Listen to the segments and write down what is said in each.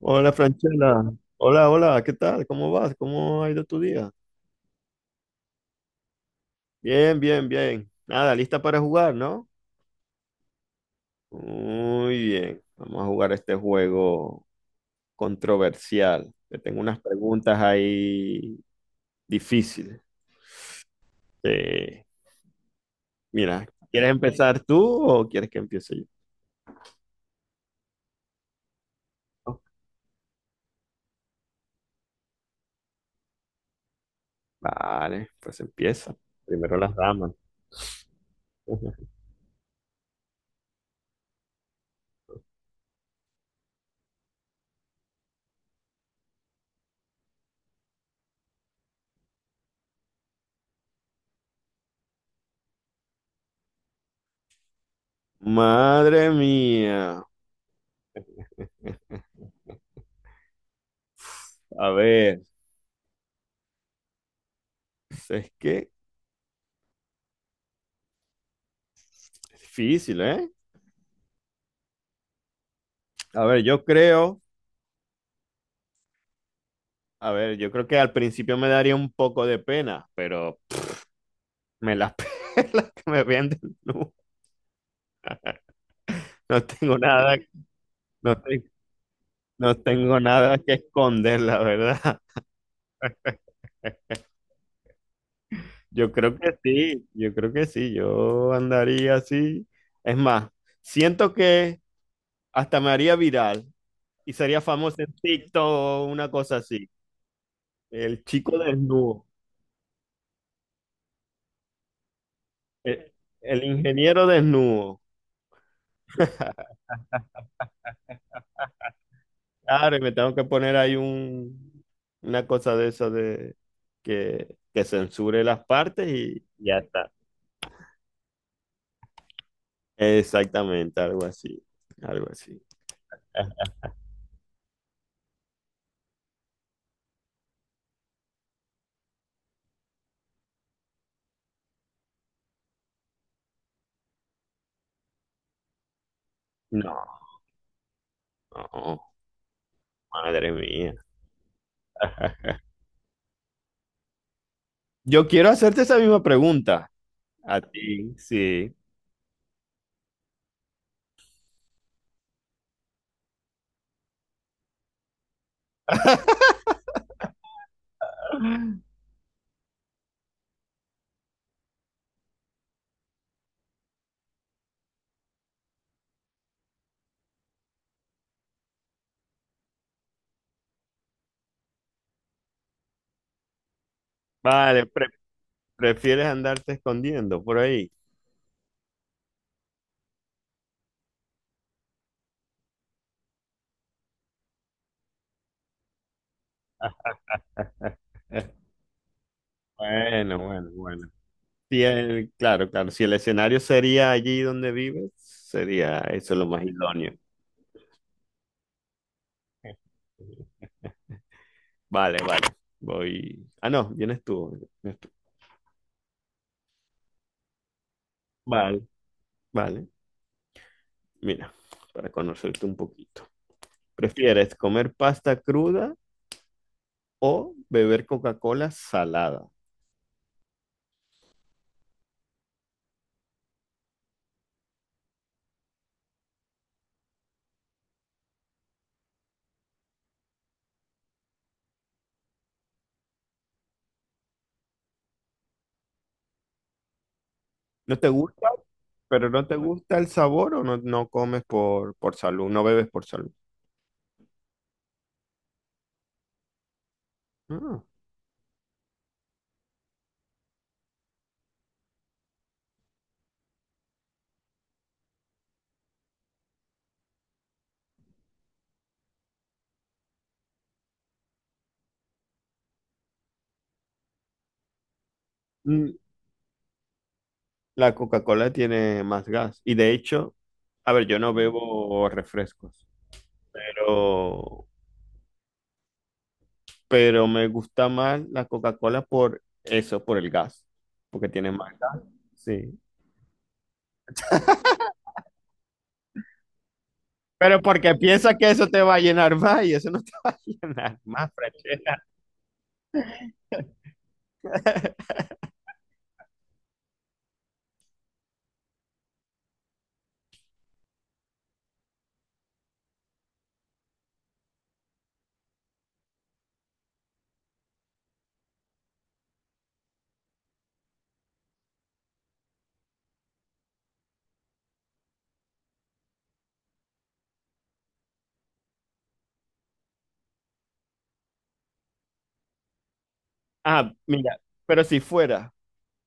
Hola Franchela, hola, hola, ¿qué tal? ¿Cómo vas? ¿Cómo ha ido tu día? Bien, bien, bien. Nada, lista para jugar, ¿no? Muy bien. Vamos a jugar este juego controversial. Te tengo unas preguntas ahí difíciles. Eh, mira, ¿quieres empezar tú o quieres que empiece yo? No. Vale, pues empieza. Primero las damas. Madre mía. A ver, es que es difícil, ¿eh? A ver, yo creo. A ver, yo creo que al principio me daría un poco de pena, pero me las pelas que me vean desnudo. No tengo nada, no, no tengo nada que esconder, la verdad. Yo creo que sí, yo creo que sí, yo andaría así. Es más, siento que hasta me haría viral y sería famoso en TikTok o una cosa así. El chico desnudo, el, el ingeniero desnudo. Claro, y me tengo que poner ahí un, una cosa de esa de que censure las partes y ya está. Exactamente, algo así, algo así. No, no, madre mía. Yo quiero hacerte esa misma pregunta a ti, sí. Vale, prefieres andarte escondiendo por ahí. Bueno, bueno, bueno. Si claro, claro, si el escenario sería allí donde vives, sería eso lo más idóneo. Vale, vale. Voy. Ah, no, vienes tú. Vienes tú. Vale, vale. Mira, para conocerte un poquito. ¿Prefieres comer pasta cruda o beber Coca-Cola salada? ¿No te gusta? ¿Pero no te gusta el sabor o no, no comes por salud? ¿No bebes por salud? Ah. Mm, la Coca-Cola tiene más gas. Y de hecho, a ver, yo no bebo refrescos, pero pero me gusta más la Coca-Cola por eso, por el gas, porque tiene más gas. Sí. Pero porque piensa que eso te va a llenar más y eso no te va a llenar más, frechera. Ah, mira, pero si fuera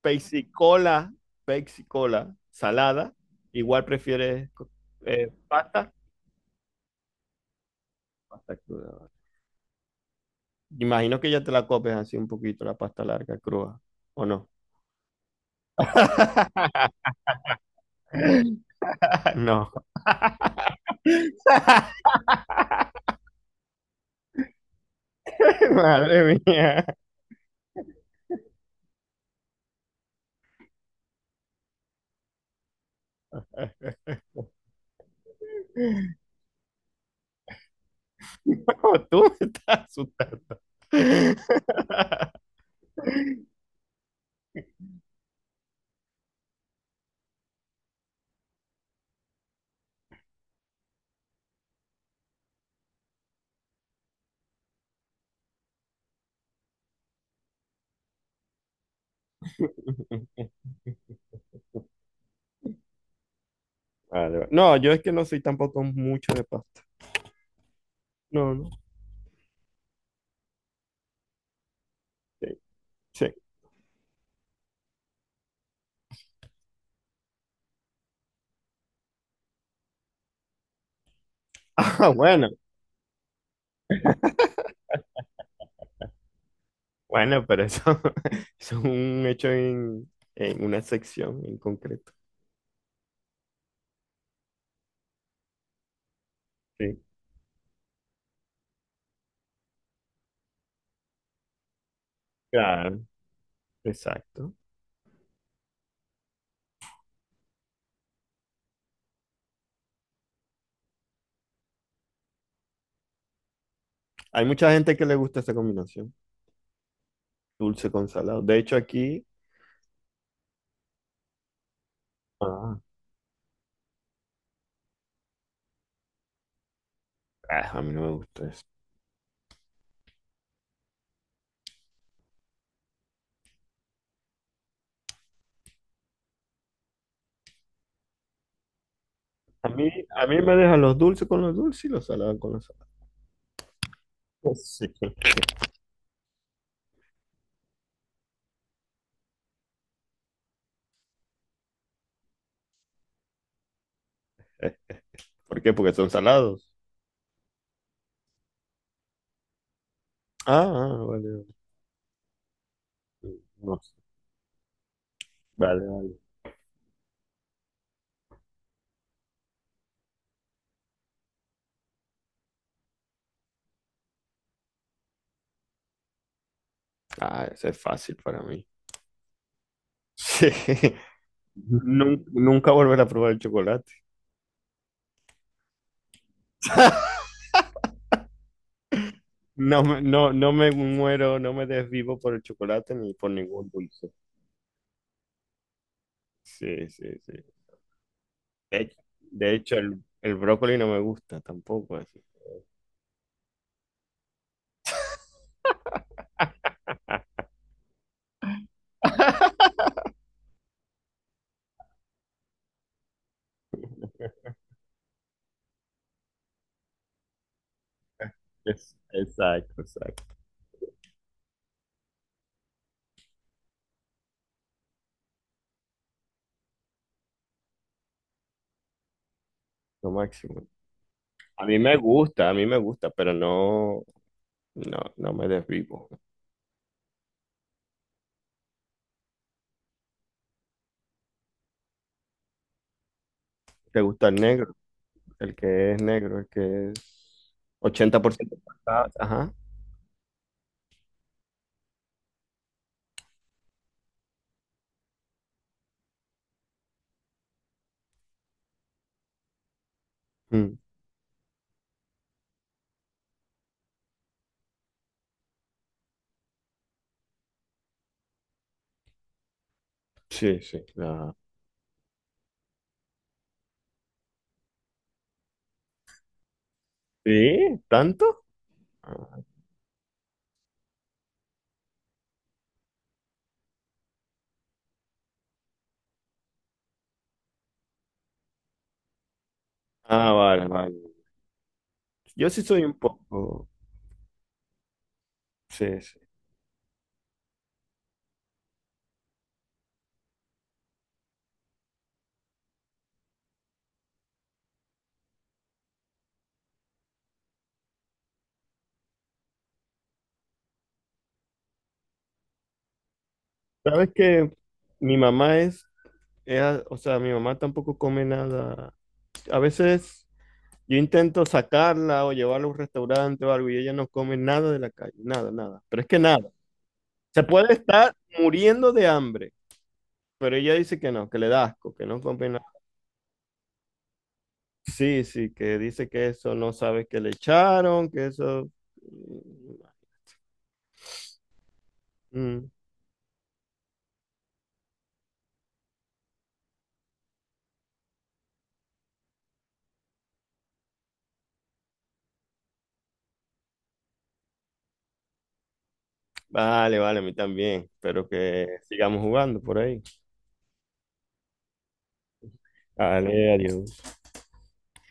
Pepsi Cola, Pepsi Cola salada, igual prefieres pasta. Pasta cruda. Imagino que ya te la comes así un poquito la pasta larga, cruda, ¿o no? No. Madre mía. No, tú me estás asustando. Vale, vale. No, yo es que no soy tampoco mucho de pasta. No, no. Sí, sí. Ah, bueno, bueno, pero eso, eso es un hecho en una sección en concreto. Sí, claro, exacto. Hay mucha gente que le gusta esa combinación, dulce con salado. De hecho, aquí, ah, ah, a mí no me gusta eso. A mí, a mí me dejan los dulces con los dulces y los salados con los salados. Sí. ¿Por qué? Porque son salados. Ah, ah, vale. Vale. No sé. Vale, vale. Ah, ese es fácil para mí. Sí. Nunca volver a probar el chocolate. No me, no, no me muero, no me desvivo por el chocolate ni por ningún dulce. Sí, sí, sí. De hecho, de hecho, el brócoli no me gusta tampoco. Así. Exacto, exacto. Lo máximo. A mí me gusta, a mí me gusta, pero no, no, no me desvivo. ¿Te gusta el negro? El que es negro, el que es 80% pasado. Mm, sí, sí. ¿Sí? ¿Tanto? Ah, ah, vale, vale. Yo sí soy un poco. Sí, sí. Sabes que mi mamá es, o sea, mi mamá tampoco come nada. A veces yo intento sacarla o llevarla a un restaurante o algo y ella no come nada de la calle, nada, nada. Pero es que nada. Se puede estar muriendo de hambre, pero ella dice que no, que le da asco, que no come nada. Sí, sí, que dice que eso no sabe que le echaron, que eso. Mm, mm, vale, vale, a mí también. Espero que sigamos jugando por ahí. Vale, adiós.